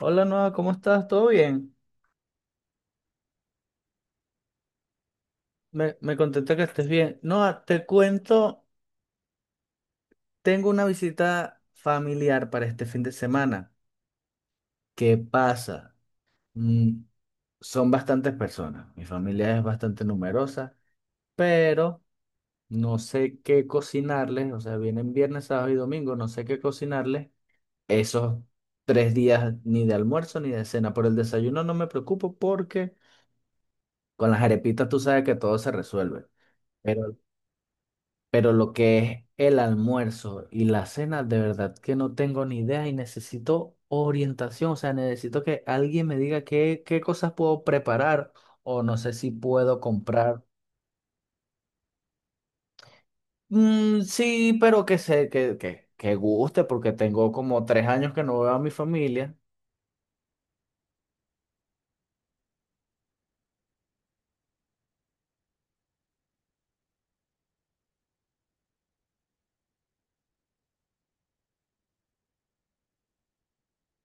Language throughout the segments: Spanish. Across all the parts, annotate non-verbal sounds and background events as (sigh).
Hola Noah, ¿cómo estás? ¿Todo bien? Me contenta que estés bien. Noah, te cuento, tengo una visita familiar para este fin de semana. ¿Qué pasa? Mm, son bastantes personas. Mi familia es bastante numerosa, pero no sé qué cocinarles. O sea, vienen viernes, sábado y domingo, no sé qué cocinarles esos tres días ni de almuerzo ni de cena. Por el desayuno no me preocupo porque con las arepitas tú sabes que todo se resuelve. Pero Pero lo que es el almuerzo y la cena, de verdad que no tengo ni idea y necesito orientación. O sea, necesito que alguien me diga qué cosas puedo preparar o no sé si puedo comprar. Mm, sí, pero que sé, que guste porque tengo como 3 años que no veo a mi familia.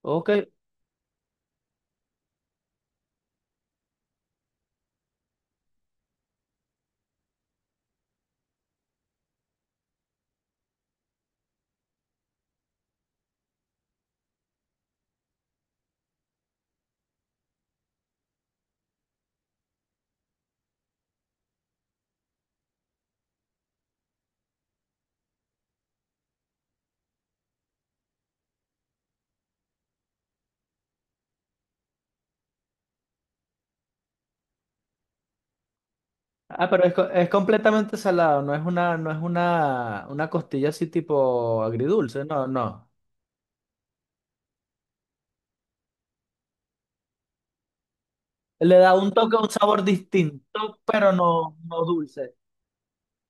Ok. Ah, pero es completamente salado, no es una costilla así tipo agridulce, no, no. Le da un toque, un sabor distinto, pero no, no dulce.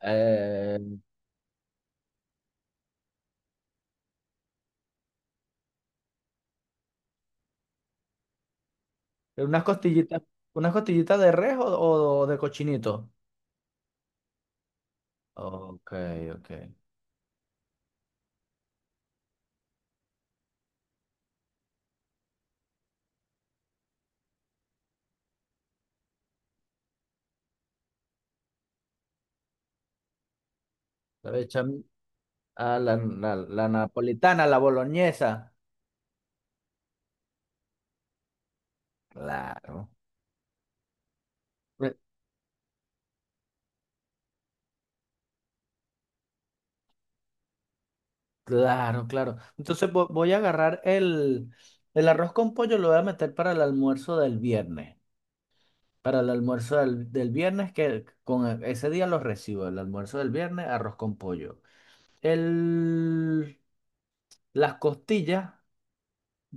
Eh, Unas costillitas, unas costillitas de res o, de cochinito. Ok, ok. Le echan a la napolitana, la boloñesa. Claro. Eh, Claro, claro. Entonces voy a agarrar el arroz con pollo, lo voy a meter para el almuerzo del viernes. Para el almuerzo del viernes, que con ese día los recibo. El almuerzo del viernes, arroz con pollo. El, las costillas.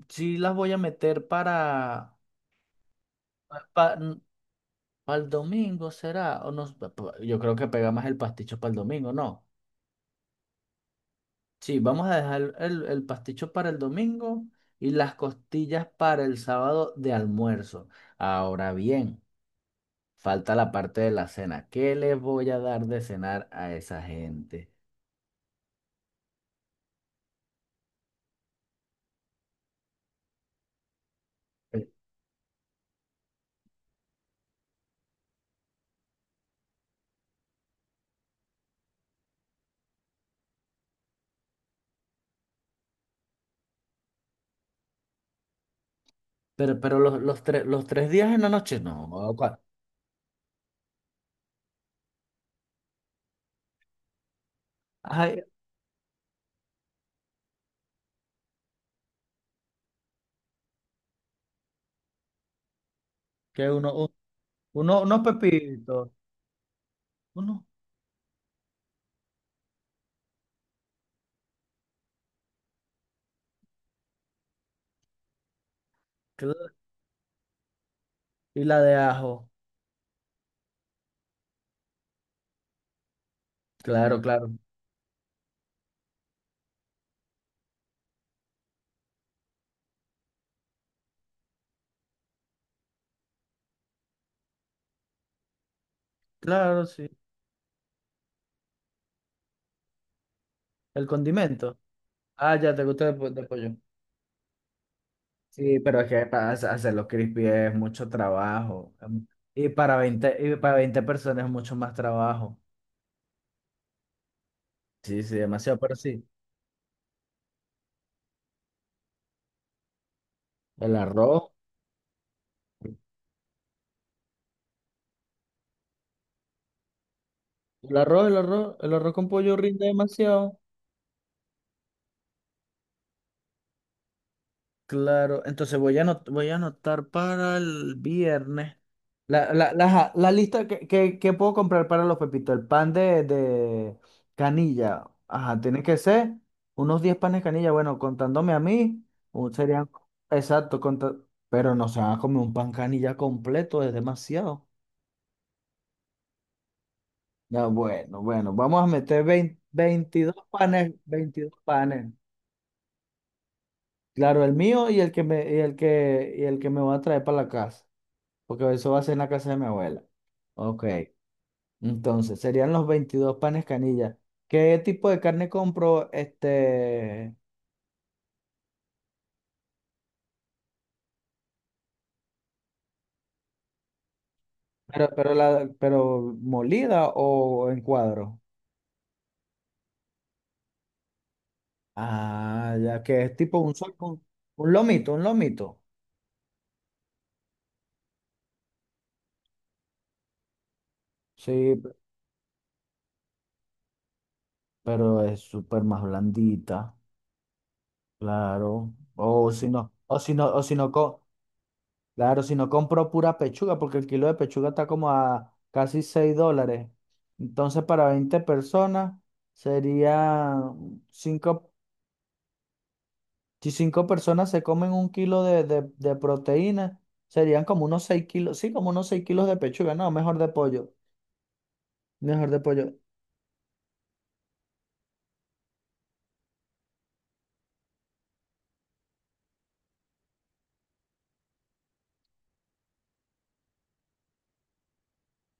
Sí las voy a meter para, para, el domingo, ¿será? O no, yo creo que pega más el pasticho para el domingo, ¿no? Sí, vamos a dejar el pasticho para el domingo y las costillas para el sábado de almuerzo. Ahora bien, falta la parte de la cena. ¿Qué les voy a dar de cenar a esa gente? Eh, Pero, pero los tres días en la noche, no. cua- Ay, que unos pepitos, uno, claro, y la de ajo. Claro, claro. Claro, sí. El condimento. Ah, ya, te gusta de pollo. Sí, pero es que para hacerlo crispy es mucho trabajo. Y para veinte personas es mucho más trabajo. Sí, sí, demasiado, pero sí. El arroz, el arroz con pollo rinde demasiado. Claro, entonces voy a anotar para el viernes ajá, la lista que puedo comprar para los pepitos. El pan de canilla. Ajá, tiene que ser unos 10 panes de canilla. Bueno, contándome a mí, serían... Exacto, pero no se van a comer un pan canilla completo, es demasiado. Ya, bueno, bueno, vamos a meter 20 22 panes, 22 panes. Claro, el mío y y el que me va a traer para la casa, porque eso va a ser en la casa de mi abuela. Ok, entonces serían los 22 panes canilla. ¿Qué tipo de carne compro? Pero molida o en cuadro. Ah, ya que es tipo un, sol- un lomito, un lomito. Sí, pero es súper más blandita, claro. O si no. Claro, si no compro pura pechuga, porque el kilo de pechuga está como a casi $6. Entonces, para 20 personas sería cinco, si 5 personas se comen un kilo de proteína, serían como unos 6 kilos, sí, como unos 6 kilos de pechuga, no, mejor de pollo, mejor de pollo.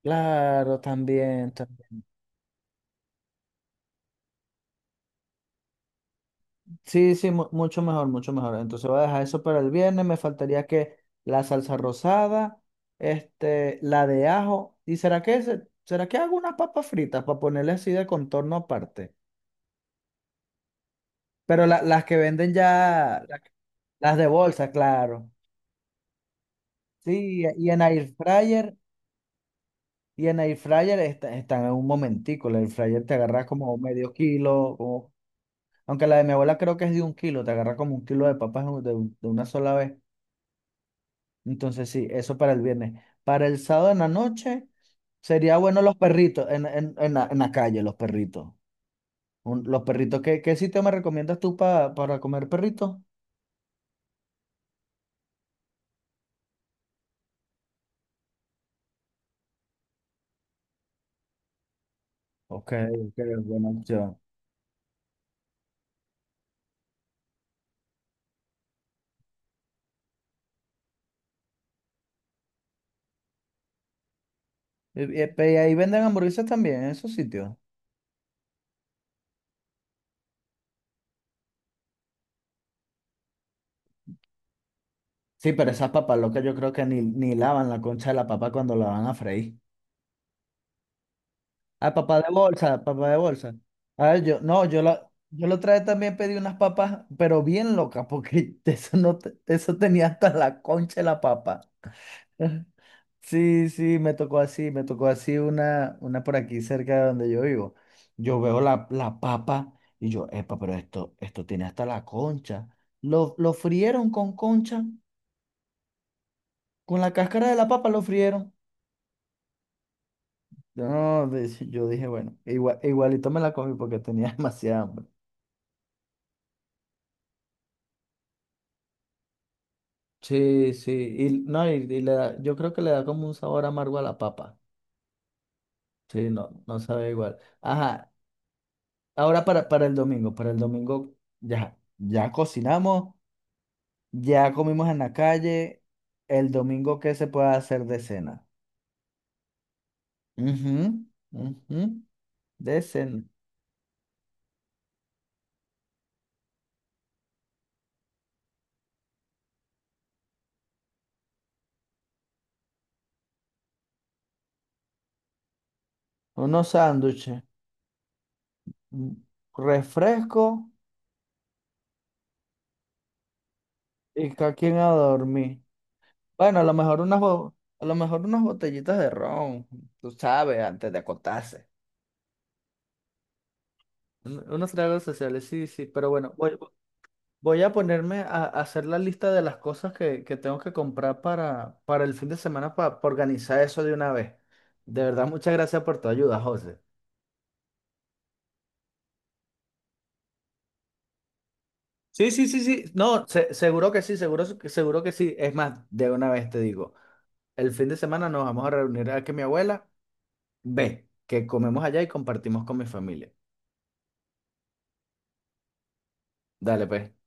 Claro, también. Sí, sí, mucho mejor, mucho mejor. Entonces voy a dejar eso para el viernes. Me faltaría que la salsa rosada, la de ajo. ¿Y será que será que hago unas papas fritas para ponerle así de contorno aparte? Pero las que venden ya, las de bolsa, claro. Sí, y en air fryer están en un momentico. El air fryer te agarras como medio kilo, aunque la de mi abuela creo que es de un kilo, te agarras como un kilo de papas de una sola vez. Entonces, sí, eso para el viernes. Para el sábado en la noche, sería bueno los perritos en la calle, los perritos. Los perritos, ¿qué sitio me recomiendas tú para comer perritos? Ok, ok, buena opción. Y ahí venden hamburguesas también, en esos sitios. Sí, pero esas papas locas yo creo que ni lavan la concha de la papa cuando la van a freír. Ah, papá de bolsa, papá de bolsa. A ver, yo, no, yo la otra vez también pedí unas papas, pero bien locas, porque (laughs) eso no, eso tenía hasta la concha de la papa. (laughs) Sí, sí, me tocó así una por aquí cerca de donde yo vivo. Yo veo la papa y yo, epa, pero esto tiene hasta la concha. Lo frieron con concha, con la cáscara de la papa lo frieron. No, yo dije, bueno, igualito me la comí porque tenía (laughs) demasiada hambre. Sí, sí, y, no, yo creo que le da como un sabor amargo a la papa. Sí, no, no sabe igual. Ajá, ahora para el domingo ya cocinamos, ya comimos en la calle. El domingo, ¿qué se puede hacer de cena? Ujú, ujú. De cena. Unos sándwiches, un refresco y cada quien a dormir. Bueno, a lo mejor unas botellitas de ron, tú sabes, antes de acostarse. Unos tragos sociales, sí, sí, pero bueno, voy a ponerme a hacer la lista de las cosas que tengo que comprar para el fin de semana organizar eso de una vez. De verdad, muchas gracias por tu ayuda, José. Sí, sí, sí, sí. No, seguro que sí, seguro que sí. Es más, de una vez te digo, el fin de semana nos vamos a reunir a que mi abuela ve, que comemos allá y compartimos con mi familia. Dale, pues.